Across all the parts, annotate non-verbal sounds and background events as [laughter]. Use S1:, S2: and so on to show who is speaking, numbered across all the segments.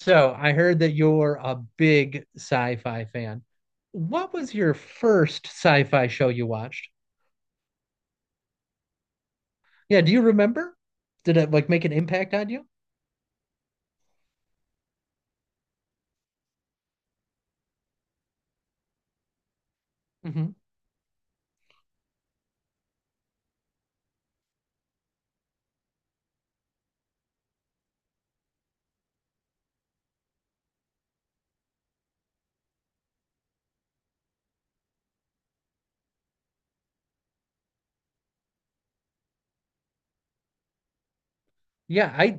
S1: So I heard that you're a big sci-fi fan. What was your first sci-fi show you watched? Yeah, do you remember? Did it like make an impact on you? hmm Yeah, I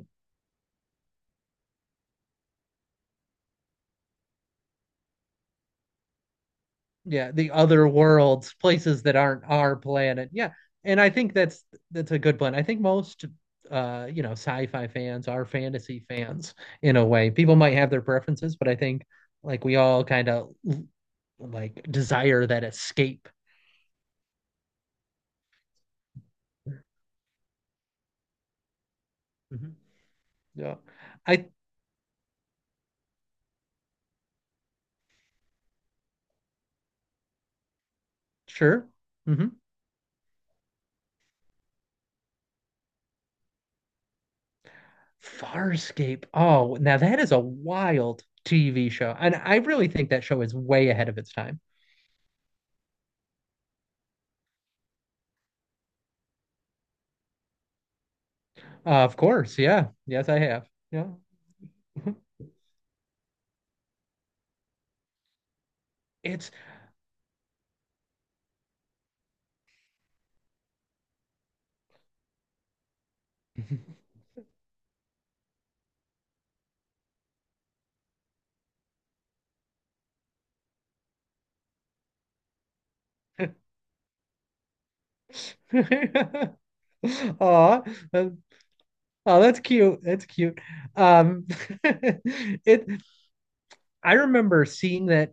S1: yeah, the other worlds, places that aren't our planet. Yeah. And I think that's a good plan. I think most sci-fi fans are fantasy fans in a way. People might have their preferences, but I think like we all kind of like desire that escape. Mhm. Yeah. I. Sure. hmm Farscape. Oh, now that is a wild TV show. And I really think that show is way ahead of its time. Of course. Yeah. Yes, I have. Yeah. [laughs] It's. [laughs] Aw, that- oh, that's cute. That's cute. Um, [laughs] it. I remember seeing that.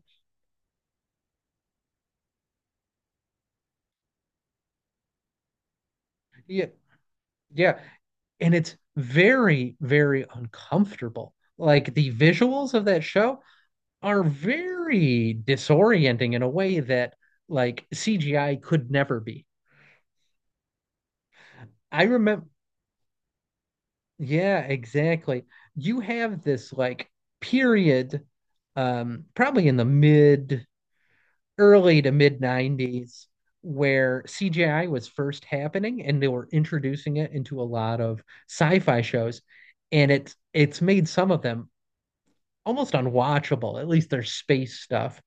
S1: Yeah. Yeah. And it's very, very uncomfortable. Like the visuals of that show are very disorienting in a way that like CGI could never be. I remember, yeah, exactly. You have this like period, probably in the mid early to mid 90s, where CGI was first happening and they were introducing it into a lot of sci-fi shows, and it's made some of them almost unwatchable, at least their space stuff.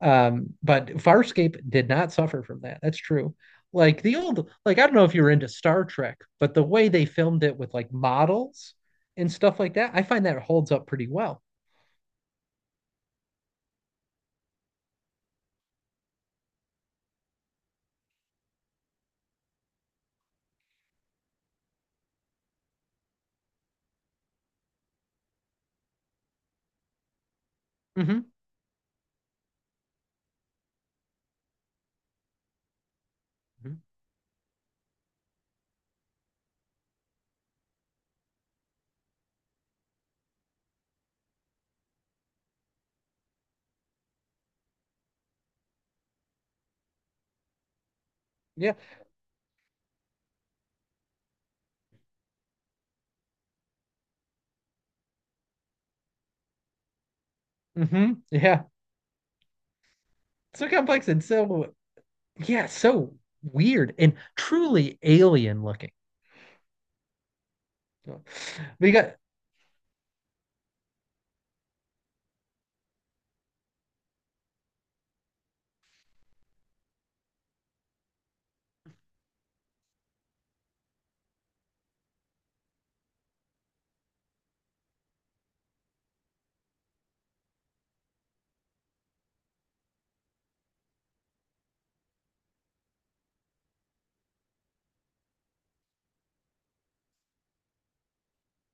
S1: But Farscape did not suffer from that. That's true. Like the old, like I don't know if you were into Star Trek, but the way they filmed it with like models and stuff like that, I find that holds up pretty well. hmm Yeah. Yeah. So complex and so yeah, so weird and truly alien looking. We got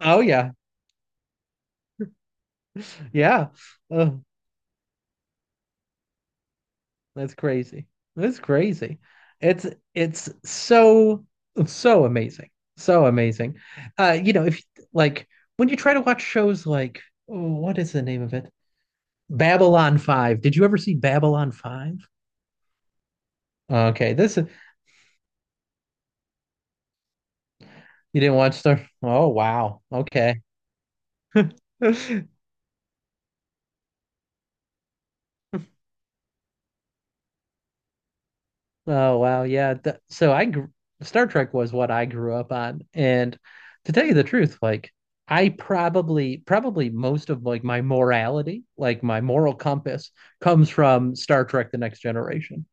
S1: oh yeah, yeah. Uh, That's crazy. That's crazy. It's it's so so amazing. So amazing. If like when you try to watch shows like oh, what is the name of it? Babylon 5. Did you ever see Babylon 5? Okay, this you didn't watch the. Oh wow. Okay. [laughs] Oh wow, yeah. Th so I gr Star Trek was what I grew up on, and to tell you the truth, like I probably most of like my morality, like my moral compass, comes from Star Trek: The Next Generation.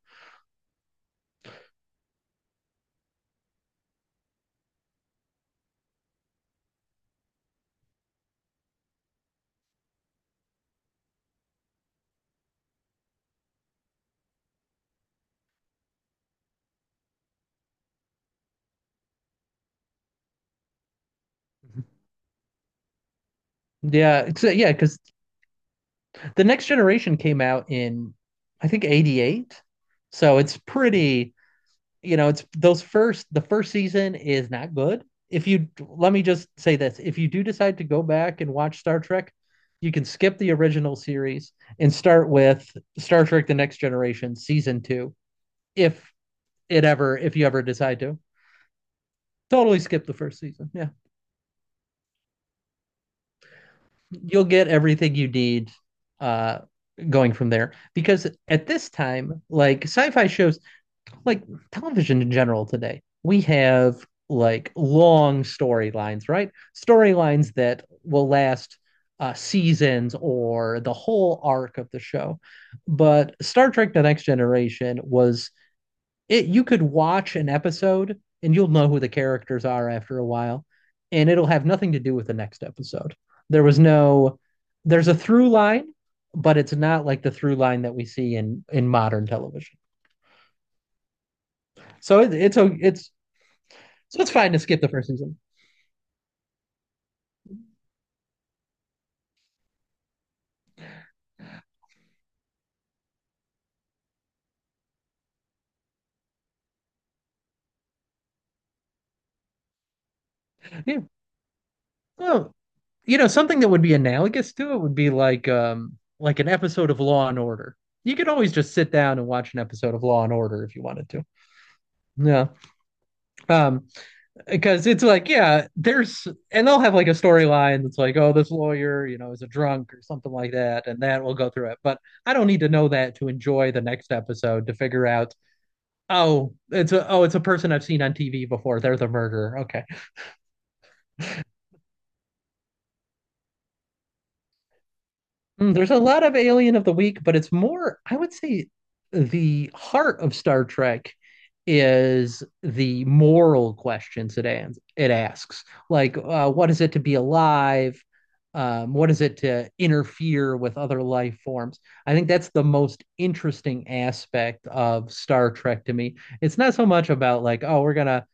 S1: Yeah, it's yeah, because the next generation came out in I think 88. So it's pretty, you know, it's those first the first season is not good. If you let me just say this, if you do decide to go back and watch Star Trek, you can skip the original series and start with Star Trek The Next Generation season 2 if it ever if you ever decide to. Totally skip the first season. Yeah. You'll get everything you need uh going from there, because at this time like sci-fi shows like television in general today, we have like long storylines, right? Storylines that will last seasons or the whole arc of the show. But Star Trek The Next Generation was, it, you could watch an episode and you'll know who the characters are after a while, and it'll have nothing to do with the next episode. There was no, there's a through line, but it's not like the through line that we see in modern television. So it's, so it's fine to skip the first season, yeah. Well, you know, something that would be analogous to it would be like an episode of Law and Order. You could always just sit down and watch an episode of Law and Order if you wanted to, yeah. um because it's like, yeah, there's, and they'll have like a storyline that's like, oh, this lawyer, you know, is a drunk or something like that, and that will go through it, but I don't need to know that to enjoy the next episode, to figure out, oh, it's a, oh, it's a person I've seen on TV before, they're the murderer, okay. There's a lot of Alien of the Week, but it's more, I would say, the heart of Star Trek is the moral questions it asks. Like, what is it to be alive? What is it to interfere with other life forms? I think that's the most interesting aspect of Star Trek to me. It's not so much about like, oh, we're gonna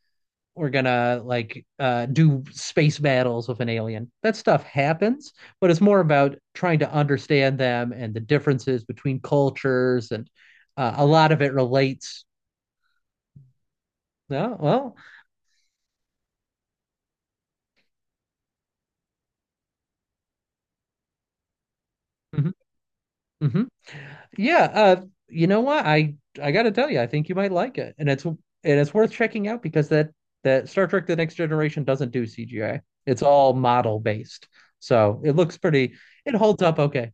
S1: we're gonna like do space battles with an alien. That stuff happens, but it's more about trying to understand them and the differences between cultures, and a lot of it relates. Oh, well, hmm hmm yeah, you know what? I gotta tell you, I think you might like it, and it's worth checking out because that Star Trek: The Next Generation doesn't do CGI. It's all model based, so it looks pretty. It holds up okay.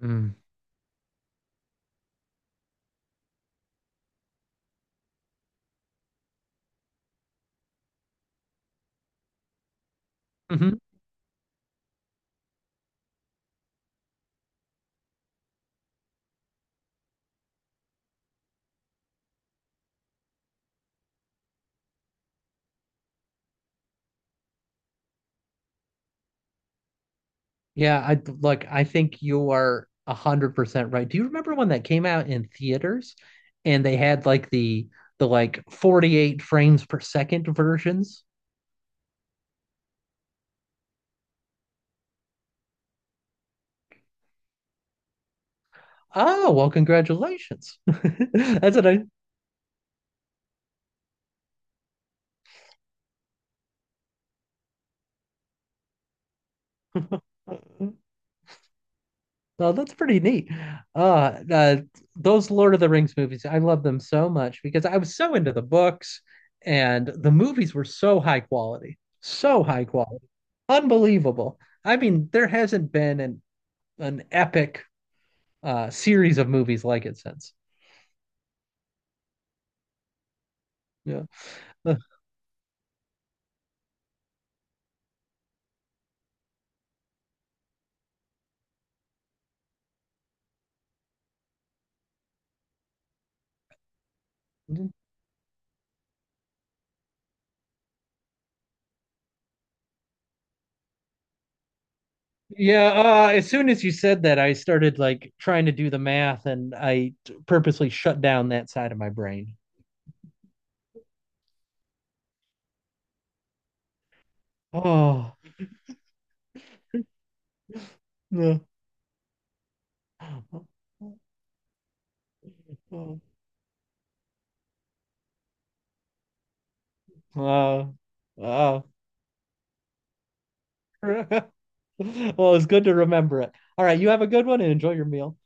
S1: Mm. Mhm. Yeah, I like, I think you are 100% right. Do you remember when that came out in theaters and they had like the like 48 frames per second versions? Oh, well, congratulations. [laughs] That's what I. Well, that's pretty neat. Uh, uh those Lord of the Rings movies, I love them so much because I was so into the books, and the movies were so high quality. So high quality. Unbelievable. I mean, there hasn't been an epic series of movies like it since. Yeah. [laughs] Yeah, uh, as soon as you said that, I started like trying to do the math and I purposely shut down that side of my brain. Oh. No. Uh, uh. [laughs] Well, it's good to remember it. All right, you have a good one and enjoy your meal.